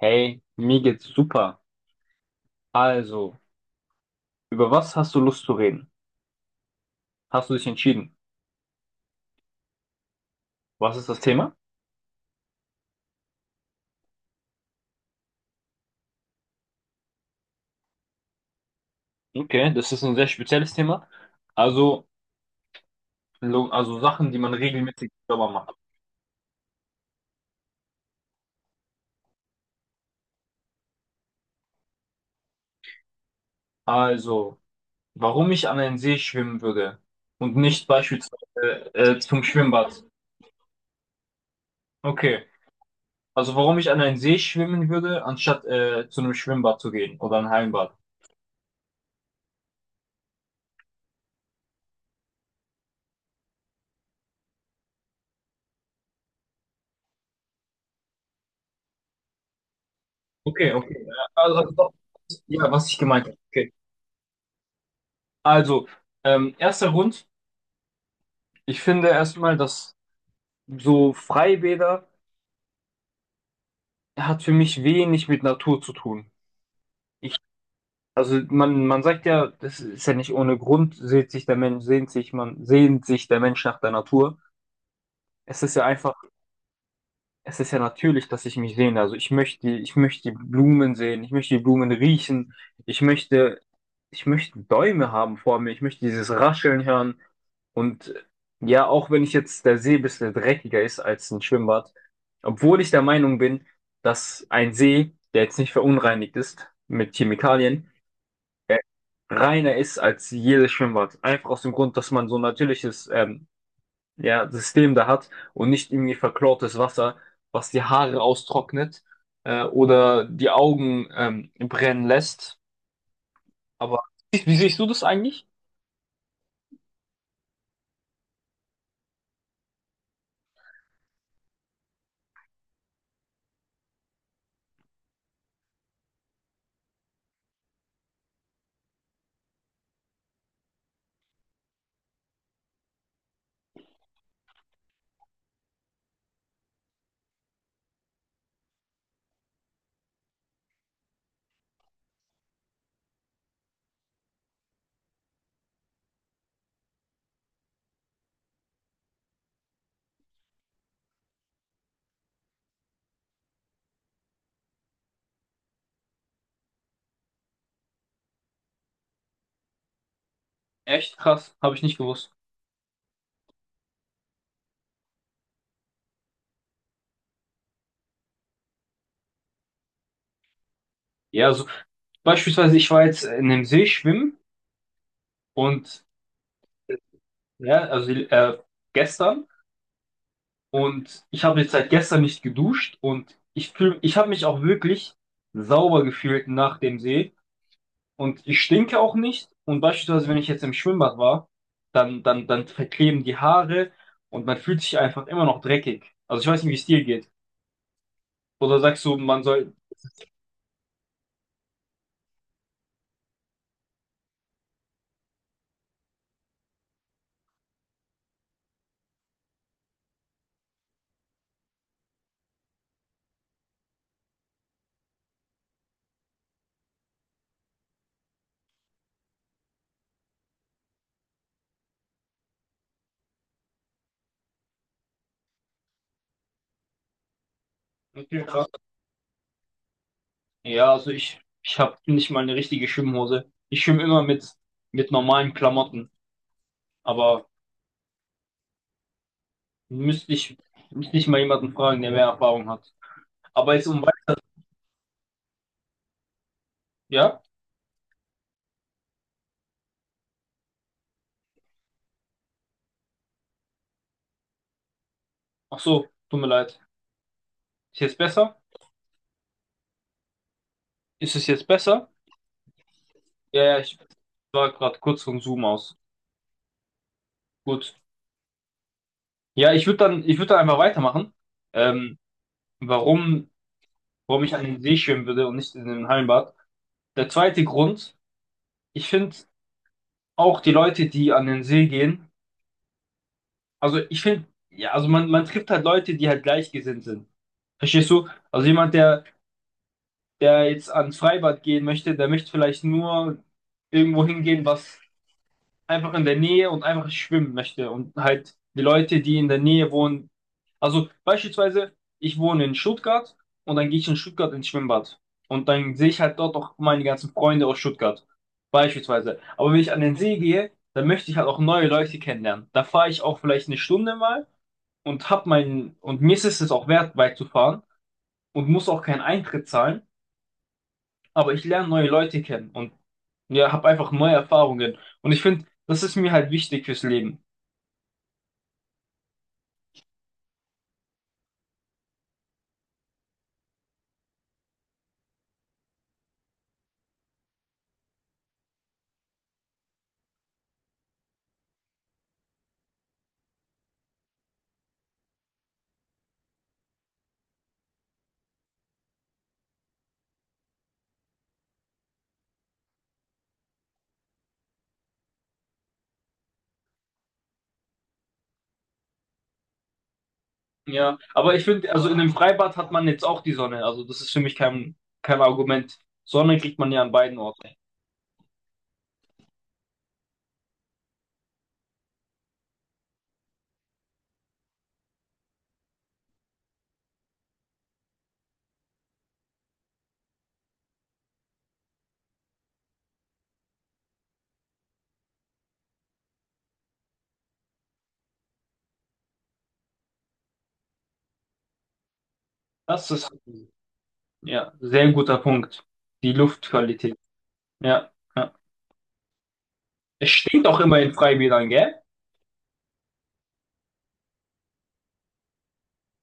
Hey, mir geht's super. Also, über was hast du Lust zu reden? Hast du dich entschieden? Was ist das Thema? Okay, das ist ein sehr spezielles Thema. Also, also Sachen, die man regelmäßig selber macht. Also, warum ich an einen See schwimmen würde und nicht beispielsweise zum Schwimmbad. Okay, also warum ich an einen See schwimmen würde, anstatt zu einem Schwimmbad zu gehen oder ein Hallenbad. Okay, okay. Also, doch, ja, was ich gemeint habe. Okay. Also, erster Grund. Ich finde erstmal, dass so Freibäder hat für mich wenig mit Natur zu tun. Ich, also man sagt ja, das ist ja nicht ohne Grund, sehnt sich der Mensch nach der Natur. Es ist ja einfach es ist ja natürlich, dass ich mich sehne. Also ich möchte die Blumen sehen, ich möchte die Blumen riechen, ich möchte, ich möchte Bäume haben vor mir, ich möchte dieses Rascheln hören. Und ja, auch wenn ich jetzt der See ein bisschen dreckiger ist als ein Schwimmbad, obwohl ich der Meinung bin, dass ein See, der jetzt nicht verunreinigt ist mit Chemikalien, äh, reiner ist als jedes Schwimmbad. Einfach aus dem Grund, dass man so natürliches ja, System da hat und nicht irgendwie verklortes Wasser, was die Haare austrocknet oder die Augen brennen lässt. Aber wie siehst du das eigentlich? Echt krass, habe ich nicht gewusst. Ja, so beispielsweise ich war jetzt in dem See schwimmen und äh, ja, also gestern und ich habe jetzt seit gestern nicht geduscht und ich habe mich auch wirklich sauber gefühlt nach dem See. Und ich stinke auch nicht. Und beispielsweise, wenn ich jetzt im Schwimmbad war, dann verkleben die Haare und man fühlt sich einfach immer noch dreckig. Also ich weiß nicht, wie es dir geht. Oder sagst du, man soll. Ja, also ich habe nicht mal eine richtige Schwimmhose. Ich schwimme immer mit normalen Klamotten. Aber müsste ich, müsste ich mal jemanden fragen, der mehr Erfahrung hat. Aber jetzt um. Ja? Ach so, tut mir leid. Ist jetzt besser? Ist es jetzt besser? Ja, ja, ich war gerade kurz vom Zoom aus. Gut. Ja, ich würde dann einfach weitermachen. Ähm, warum, warum ich an den See schwimmen würde und nicht in den Hallenbad. Der zweite Grund, ich finde auch die Leute, die an den See gehen, also ich finde, ja, also man trifft halt Leute, die halt gleichgesinnt sind. Verstehst du? Also der jetzt ans Freibad gehen möchte, der möchte vielleicht nur irgendwo hingehen, was einfach in der Nähe und einfach schwimmen möchte und halt die Leute, die in der Nähe wohnen. Also beispielsweise, ich wohne in Stuttgart und dann gehe ich in Stuttgart ins Schwimmbad und dann sehe ich halt dort auch meine ganzen Freunde aus Stuttgart. Beispielsweise. Aber wenn ich an den See gehe, dann möchte ich halt auch neue Leute kennenlernen. Da fahre ich auch vielleicht eine Stunde mal und hab meinen, und mir ist es auch wert, weit zu fahren und muss auch keinen Eintritt zahlen, aber ich lerne neue Leute kennen und ja, habe einfach neue Erfahrungen. Und ich finde, das ist mir halt wichtig fürs Leben. Ja, aber ich finde, also in dem Freibad hat man jetzt auch die Sonne. Also das ist für mich kein, kein Argument. Sonne kriegt man ja an beiden Orten. Das ist, ja, sehr ein guter Punkt. Die Luftqualität. Ja, ja. Es stinkt auch immer in Freibädern, gell?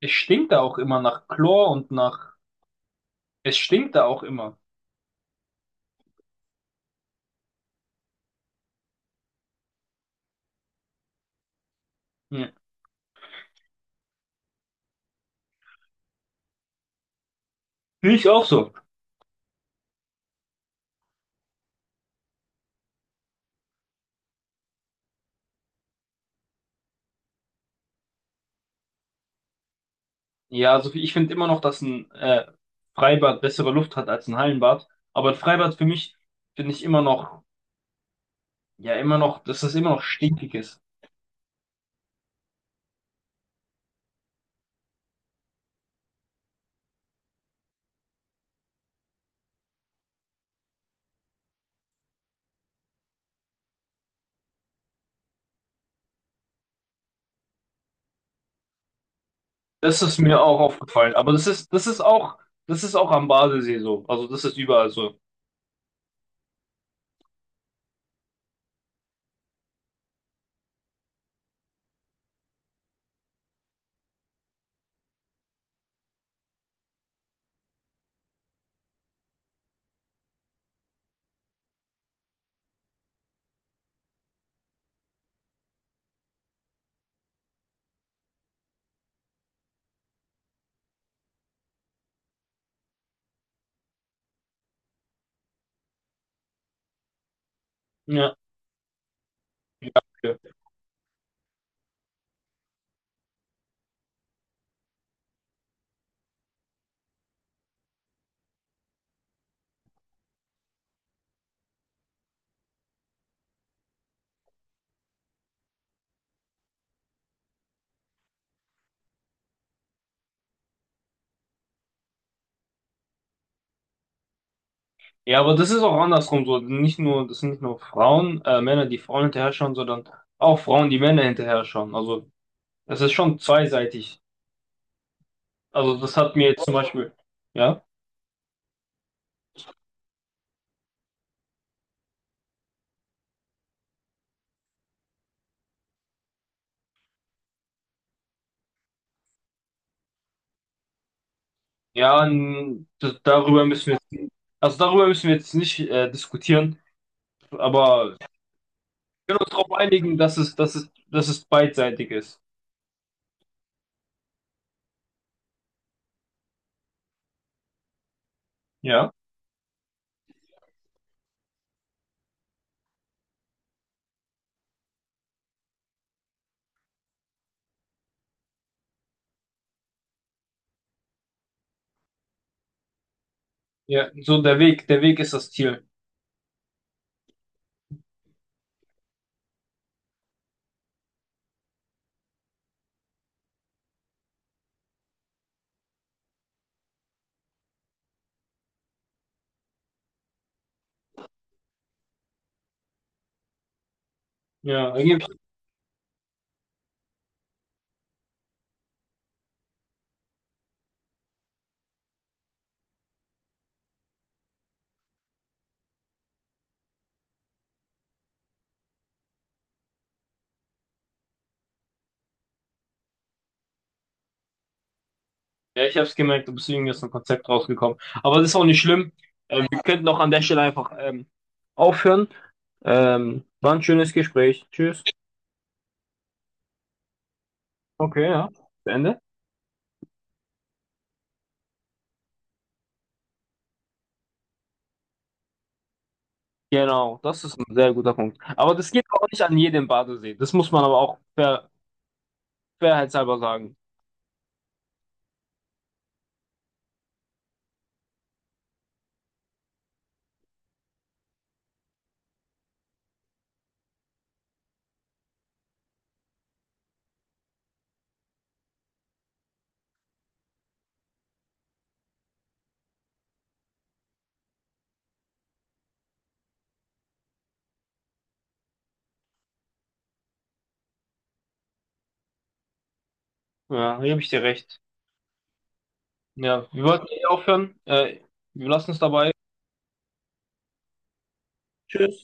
Es stinkt da auch immer nach Chlor und nach, es stinkt da auch immer. Ja. Finde ich auch so. Ja, also ich finde immer noch, dass ein Freibad bessere Luft hat als ein Hallenbad. Aber ein Freibad für mich finde ich immer noch, ja, immer noch, dass das immer noch stinkig ist. Das ist mir auch aufgefallen. Das ist auch am Badesee so. Also das ist überall so. Ja. Ja, okay. Ja, aber das ist auch andersrum so. Nicht nur, das sind nicht nur Frauen, Männer, die Frauen hinterher schauen, sondern auch Frauen, die Männer hinterher schauen. Also es ist schon zweiseitig. Also das hat mir jetzt zum Beispiel, ja, ja, darüber müssen wir jetzt, also darüber müssen wir jetzt nicht diskutieren, aber wir können uns darauf einigen, dass es beidseitig ist. Ja, ja, so der Weg ist das Ziel. Ja, irgendwie, ja, ich habe es gemerkt, du bist irgendwie aus dem Konzept rausgekommen. Aber das ist auch nicht schlimm. Wir könnten auch an der Stelle einfach aufhören. War ein schönes Gespräch. Tschüss. Okay, ja. Ende Genau, das ist ein sehr guter Punkt. Aber das geht auch nicht an jedem Badesee. Das muss man aber auch fairheitshalber sagen. Ja, hier habe ich dir recht. Ja, wir wollten eh aufhören. Wir lassen es dabei. Tschüss.